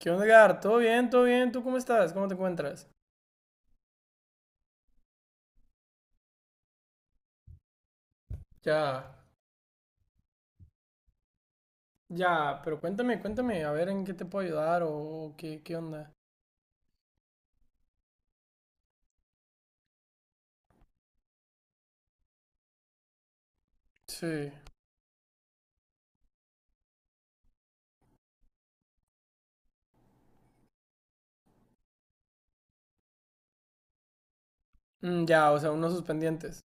¿Qué onda, Gar? ¿Todo bien? ¿Todo bien? ¿Tú cómo estás? ¿Cómo te encuentras? Ya, ya, pero cuéntame, a ver en qué te puedo ayudar o qué, qué onda. Sí. Mm, ya, o sea, unos suspendientes.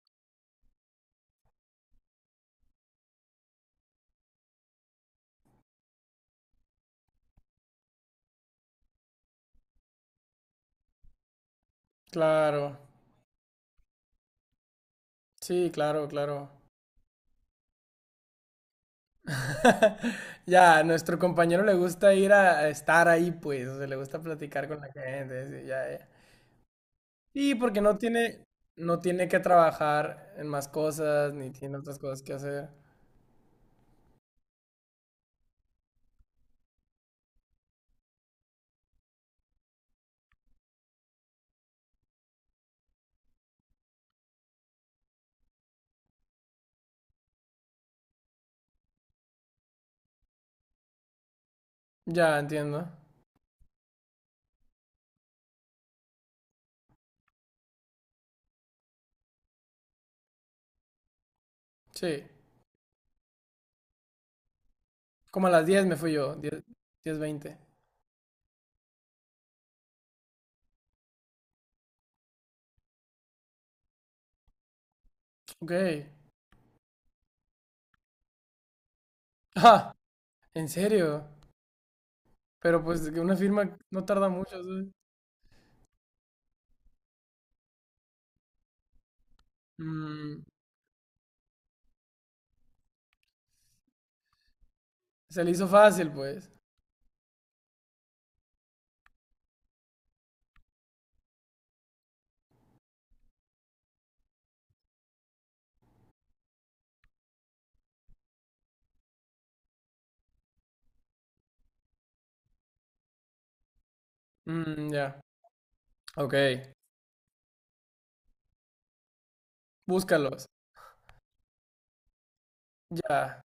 Claro, sí, claro, claro. Ya, a nuestro compañero le gusta ir a estar ahí, pues, o sea, le gusta platicar con la gente, sí, ya, ya. Sí, porque no tiene que trabajar en más cosas, ni tiene otras cosas que hacer. Ya, entiendo. Sí. Como a las 10 me fui yo, diez, 10:20. Ok. Ah, ¿en serio? Pero pues que una firma no tarda mucho, ¿sabes? Mm, se le hizo fácil, pues. Mm, ya. Ok. Búscalos. Ya.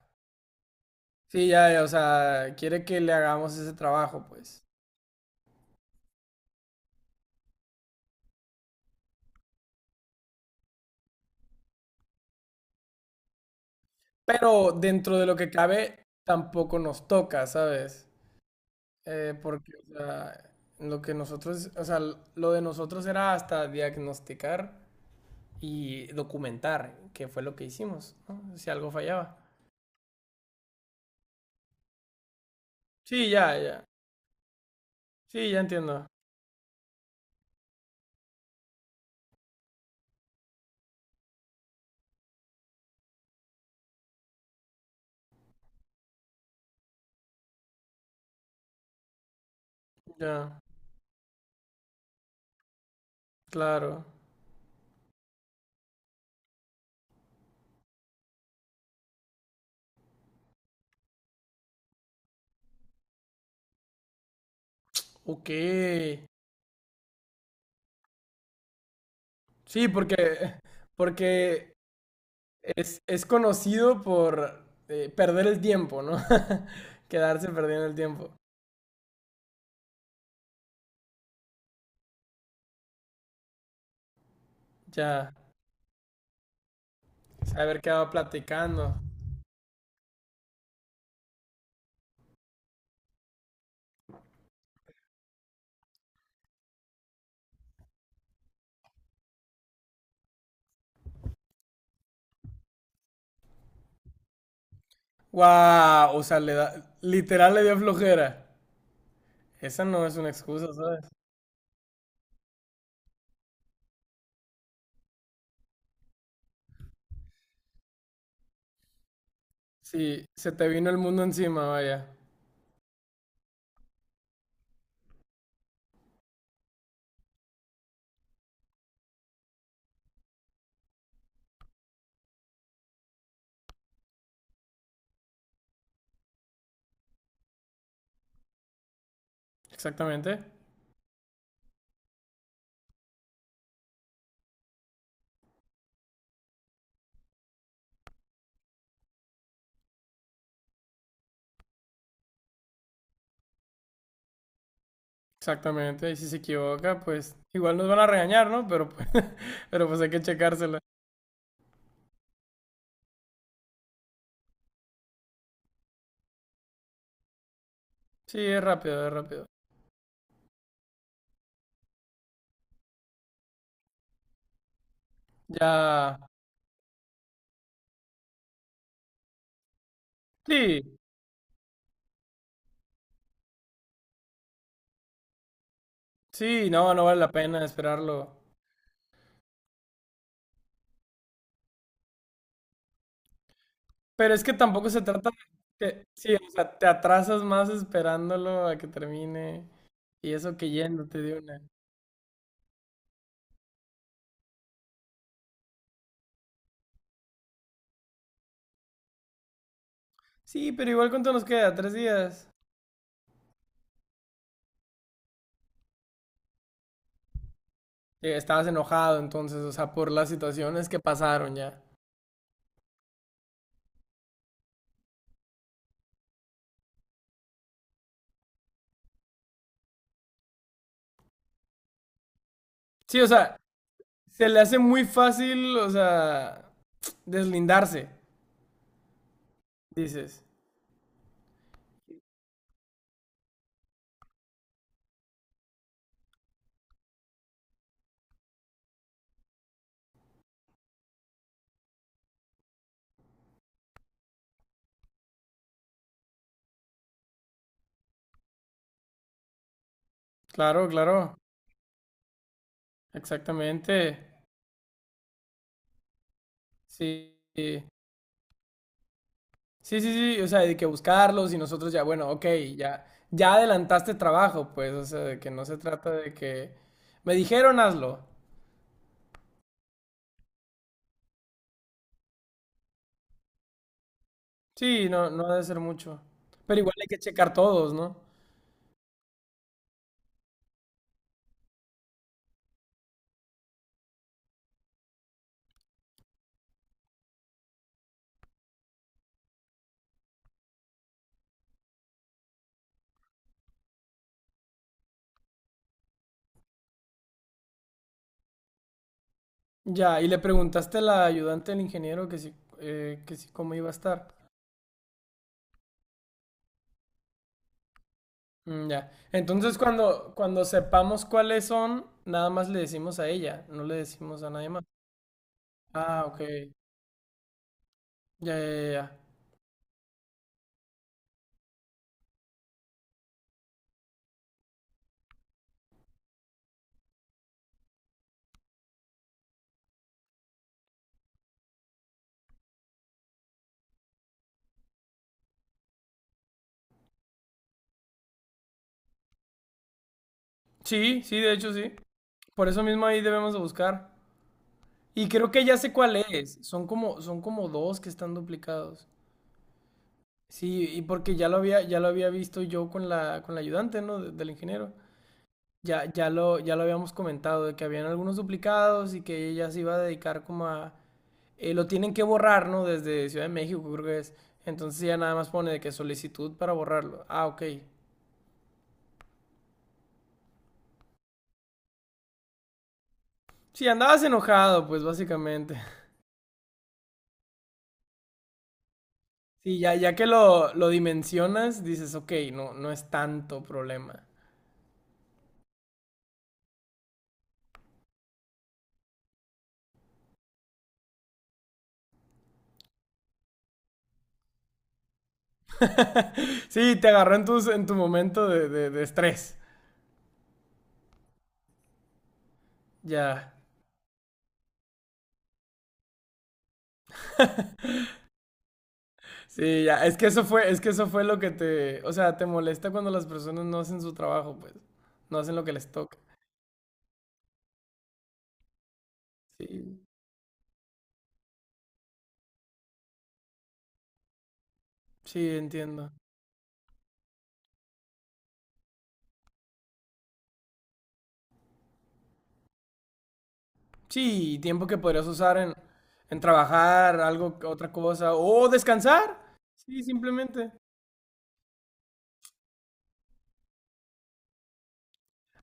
Sí, ya, ya, o sea, quiere que le hagamos ese trabajo, pues. Pero dentro de lo que cabe, tampoco nos toca, ¿sabes? Porque, o sea, lo que nosotros, o sea, l- lo de nosotros era hasta diagnosticar y documentar, que fue lo que hicimos, ¿no? Si algo fallaba. Sí, ya, ya. Sí, ya entiendo. Ya, claro. Ok. Sí, porque porque es conocido por perder el tiempo, ¿no? Quedarse perdiendo el tiempo. Ya, saber qué va platicando. ¡Wow! O sea, le da, literal le dio flojera. Esa no es una excusa, ¿sabes? Sí, se te vino el mundo encima, vaya. Exactamente, exactamente. Y si se equivoca, pues igual nos van a regañar, ¿no? Pero, pues- pero pues hay que checársela. Sí, es rápido, es rápido. Ya. Sí, sí, no, no vale la pena esperarlo. Pero es que tampoco se trata de... Sí, o sea, te atrasas más esperándolo a que termine y eso que yéndote de una. Sí, pero igual cuánto nos queda, 3 días. Estabas enojado entonces, o sea, por las situaciones que pasaron ya. Sí, o sea, se le hace muy fácil, o sea, deslindarse, dices. Claro, claro, exactamente. Sí. Sí. Sí, sí, sí, o sea, hay que buscarlos y nosotros ya, bueno, ok, ya, ya adelantaste trabajo, pues, o sea, de que no se trata de que me dijeron hazlo. Sí, no, no ha de ser mucho. Pero igual hay que checar todos, ¿no? Ya, y le preguntaste a la ayudante del ingeniero que sí cómo iba a estar. Mm, ya. Entonces cuando sepamos cuáles son, nada más le decimos a ella, no le decimos a nadie más. Ah, ok. Ya. Sí, sí, de hecho sí. Por eso mismo ahí debemos de buscar. Y creo que ya sé cuál es. Son son como dos que están duplicados. Sí, y porque ya lo había visto yo con con la ayudante, ¿no?, de- del ingeniero. Ya lo habíamos comentado, de que habían algunos duplicados y que ella se iba a dedicar como a... lo tienen que borrar, ¿no? Desde Ciudad de México, creo que es. Entonces ya nada más pone de que solicitud para borrarlo. Ah, ok. Sí, andabas enojado, pues básicamente. Sí, lo dimensionas, dices, ok, no, no es tanto problema. Sí, te agarró en en tu momento de estrés. Ya. Sí, ya. Es que eso fue lo que te, o sea, te molesta cuando las personas no hacen su trabajo, pues. No hacen lo que les toca. Sí, sí, entiendo. Sí, tiempo que podrías usar en trabajar, algo, otra cosa, o descansar. Sí, simplemente.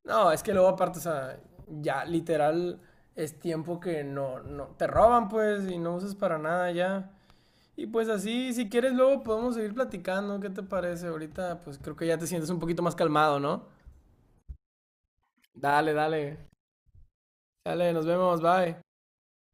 No, es que luego aparte, o sea, ya literal es tiempo que no, no, te roban, pues, y no usas para nada ya. Y pues así, si quieres, luego podemos seguir platicando. ¿Qué te parece? Ahorita, pues creo que ya te sientes un poquito más calmado, ¿no? Dale, dale. Dale, nos vemos, bye.